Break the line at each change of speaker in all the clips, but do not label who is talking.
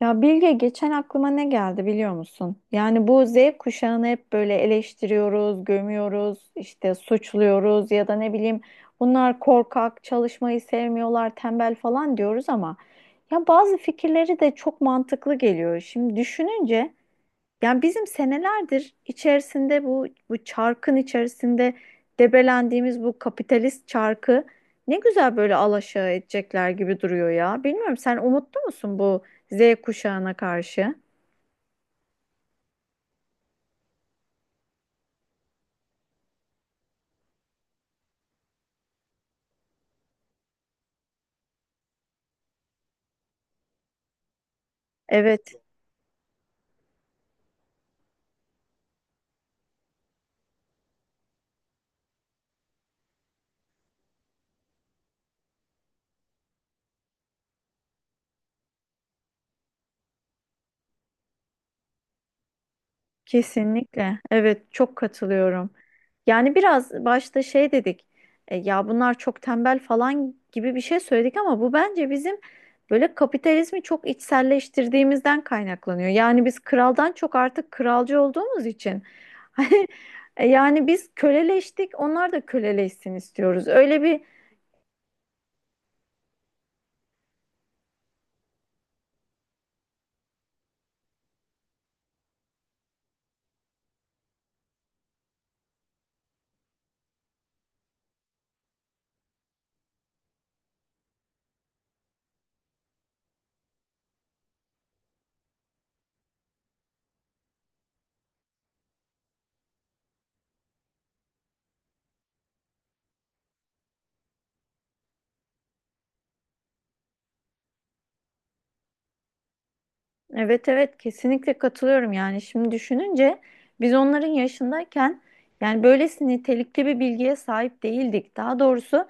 Ya Bilge geçen aklıma ne geldi biliyor musun? Yani bu Z kuşağını hep böyle eleştiriyoruz, gömüyoruz, işte suçluyoruz ya da ne bileyim, bunlar korkak, çalışmayı sevmiyorlar, tembel falan diyoruz ama ya bazı fikirleri de çok mantıklı geliyor. Şimdi düşününce yani bizim senelerdir içerisinde bu çarkın içerisinde debelendiğimiz bu kapitalist çarkı ne güzel böyle alaşağı edecekler gibi duruyor ya. Bilmiyorum, sen umutlu musun bu Z kuşağına karşı? Evet. Kesinlikle. Evet, çok katılıyorum. Yani biraz başta şey dedik. Ya bunlar çok tembel falan gibi bir şey söyledik ama bu bence bizim böyle kapitalizmi çok içselleştirdiğimizden kaynaklanıyor. Yani biz kraldan çok artık kralcı olduğumuz için hani yani biz köleleştik, onlar da köleleşsin istiyoruz. Öyle bir evet evet, kesinlikle katılıyorum. Yani şimdi düşününce biz onların yaşındayken yani böylesi nitelikli bir bilgiye sahip değildik. Daha doğrusu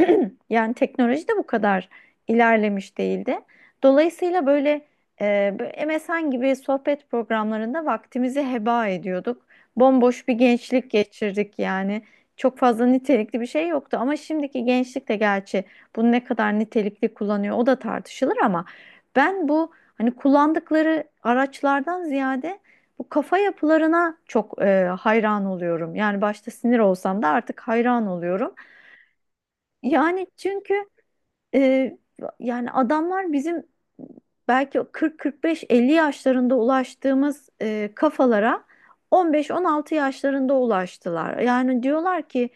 yani teknoloji de bu kadar ilerlemiş değildi. Dolayısıyla böyle böyle MSN gibi sohbet programlarında vaktimizi heba ediyorduk. Bomboş bir gençlik geçirdik yani. Çok fazla nitelikli bir şey yoktu ama şimdiki gençlik de gerçi bunu ne kadar nitelikli kullanıyor, o da tartışılır ama ben bu, hani, kullandıkları araçlardan ziyade bu kafa yapılarına çok hayran oluyorum. Yani başta sinir olsam da artık hayran oluyorum. Yani çünkü e, yani adamlar bizim belki 40-45-50 yaşlarında ulaştığımız kafalara 15-16 yaşlarında ulaştılar. Yani diyorlar ki,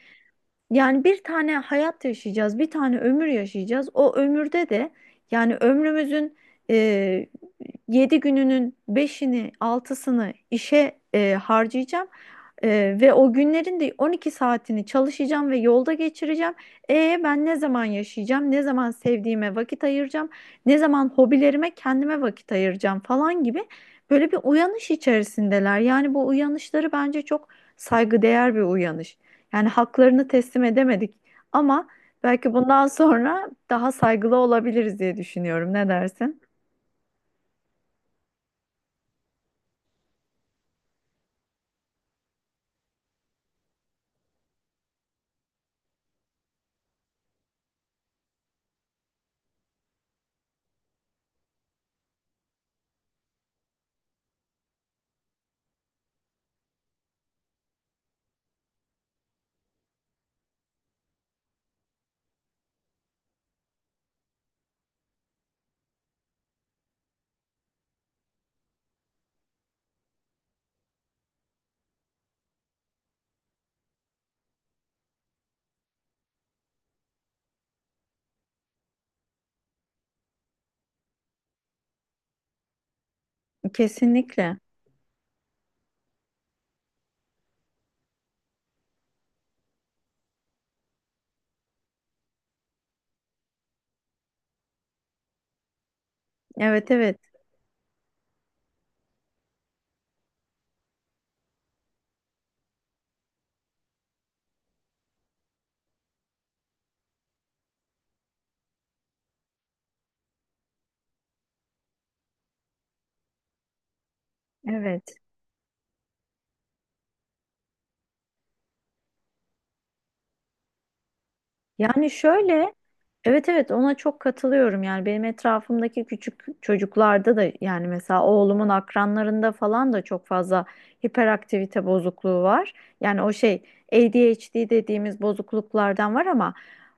yani bir tane hayat yaşayacağız, bir tane ömür yaşayacağız. O ömürde de yani ömrümüzün e, 7 gününün beşini, altısını işe harcayacağım. Ve o günlerin de 12 saatini çalışacağım ve yolda geçireceğim. E ben ne zaman yaşayacağım? Ne zaman sevdiğime vakit ayıracağım? Ne zaman hobilerime, kendime vakit ayıracağım falan gibi böyle bir uyanış içerisindeler. Yani bu uyanışları bence çok saygıdeğer bir uyanış. Yani haklarını teslim edemedik ama belki bundan sonra daha saygılı olabiliriz diye düşünüyorum. Ne dersin? Kesinlikle. Evet evet. Evet. Yani şöyle, evet evet, ona çok katılıyorum. Yani benim etrafımdaki küçük çocuklarda da, yani mesela oğlumun akranlarında falan da çok fazla hiperaktivite bozukluğu var. Yani o şey, ADHD dediğimiz bozukluklardan var ama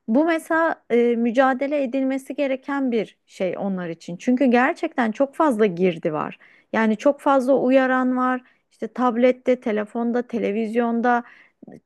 bu mesela mücadele edilmesi gereken bir şey onlar için. Çünkü gerçekten çok fazla girdi var. Yani çok fazla uyaran var. İşte tablette, telefonda, televizyonda,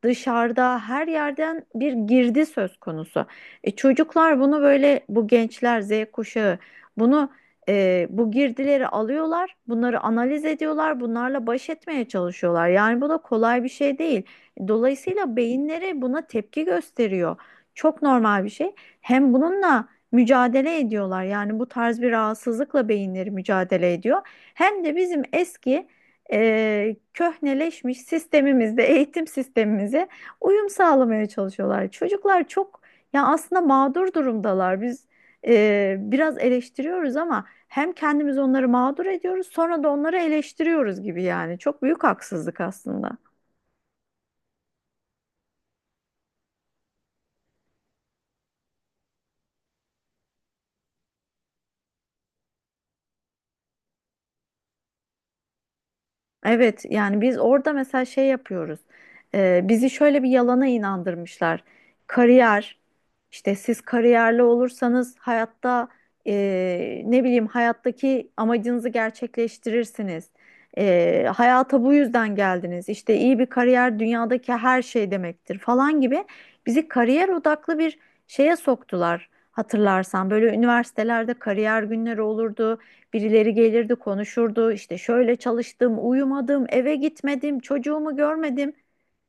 dışarıda her yerden bir girdi söz konusu. E, çocuklar bunu böyle, bu gençler, Z kuşağı, bunu bu girdileri alıyorlar, bunları analiz ediyorlar, bunlarla baş etmeye çalışıyorlar. Yani bu da kolay bir şey değil. Dolayısıyla beyinleri buna tepki gösteriyor. Çok normal bir şey. Hem bununla mücadele ediyorlar. Yani bu tarz bir rahatsızlıkla beyinleri mücadele ediyor. Hem de bizim eski köhneleşmiş sistemimizde, eğitim sistemimize uyum sağlamaya çalışıyorlar. Çocuklar çok, ya aslında mağdur durumdalar. Biz biraz eleştiriyoruz ama hem kendimiz onları mağdur ediyoruz, sonra da onları eleştiriyoruz gibi yani. Çok büyük haksızlık aslında. Evet yani biz orada mesela şey yapıyoruz. Bizi şöyle bir yalana inandırmışlar. Kariyer, işte siz kariyerli olursanız hayatta ne bileyim hayattaki amacınızı gerçekleştirirsiniz. Hayata bu yüzden geldiniz. İşte iyi bir kariyer dünyadaki her şey demektir falan gibi bizi kariyer odaklı bir şeye soktular. Hatırlarsan böyle üniversitelerde kariyer günleri olurdu. Birileri gelirdi, konuşurdu. İşte şöyle çalıştım, uyumadım, eve gitmedim, çocuğumu görmedim.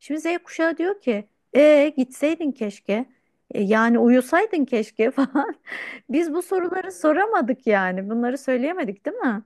Şimdi Z kuşağı diyor ki, e gitseydin keşke. E, yani uyusaydın keşke falan. Biz bu soruları soramadık yani. Bunları söyleyemedik, değil mi?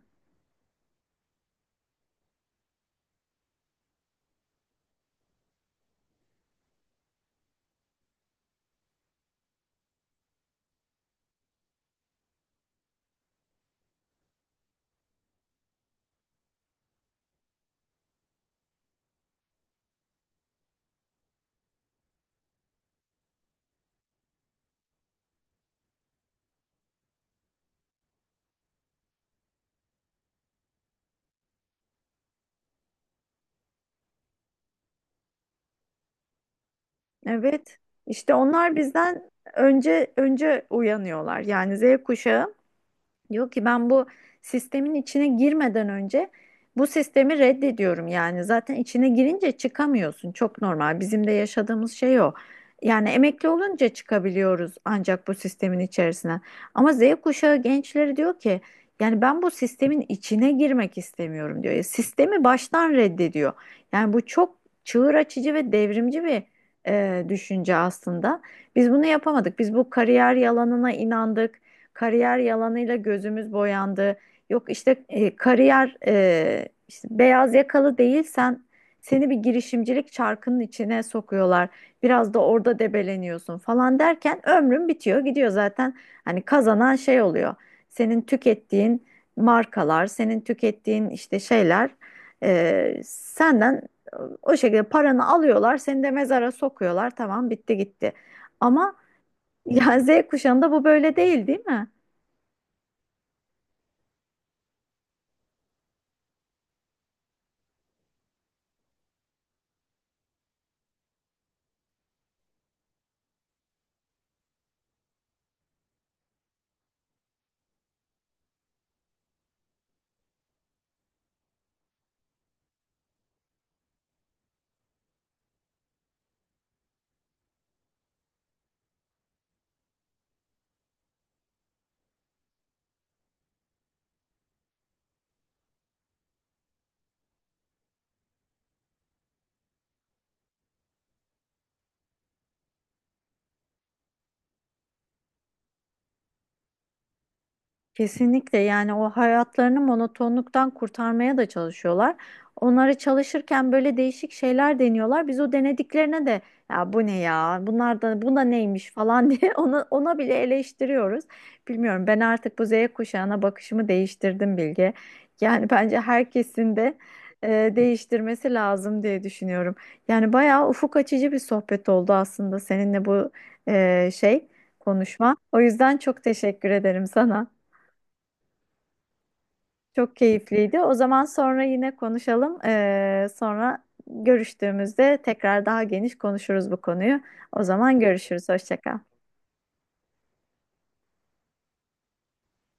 Evet. İşte onlar bizden önce uyanıyorlar. Yani Z kuşağı diyor ki ben bu sistemin içine girmeden önce bu sistemi reddediyorum yani. Zaten içine girince çıkamıyorsun. Çok normal. Bizim de yaşadığımız şey o. Yani emekli olunca çıkabiliyoruz ancak bu sistemin içerisine. Ama Z kuşağı gençleri diyor ki yani ben bu sistemin içine girmek istemiyorum diyor. Ya sistemi baştan reddediyor. Yani bu çok çığır açıcı ve devrimci bir düşünce aslında. Biz bunu yapamadık. Biz bu kariyer yalanına inandık, kariyer yalanıyla gözümüz boyandı. Yok işte kariyer işte beyaz yakalı değilsen seni bir girişimcilik çarkının içine sokuyorlar. Biraz da orada debeleniyorsun falan derken ömrün bitiyor gidiyor zaten. Hani kazanan şey oluyor. Senin tükettiğin markalar, senin tükettiğin işte şeyler senden o şekilde paranı alıyorlar, seni de mezara sokuyorlar. Tamam, bitti gitti. Ama yani Z kuşağında bu böyle değil, değil mi? Kesinlikle. Yani o hayatlarını monotonluktan kurtarmaya da çalışıyorlar. Onları çalışırken böyle değişik şeyler deniyorlar. Biz o denediklerine de ya bu ne ya, bunlar da bu da neymiş falan diye ona, ona bile eleştiriyoruz. Bilmiyorum, ben artık bu Z kuşağına bakışımı değiştirdim Bilge. Yani bence herkesin de değiştirmesi lazım diye düşünüyorum. Yani bayağı ufuk açıcı bir sohbet oldu aslında seninle bu e, şey konuşma. O yüzden çok teşekkür ederim sana. Çok keyifliydi. O zaman sonra yine konuşalım. Sonra görüştüğümüzde tekrar daha geniş konuşuruz bu konuyu. O zaman görüşürüz. Hoşça kal.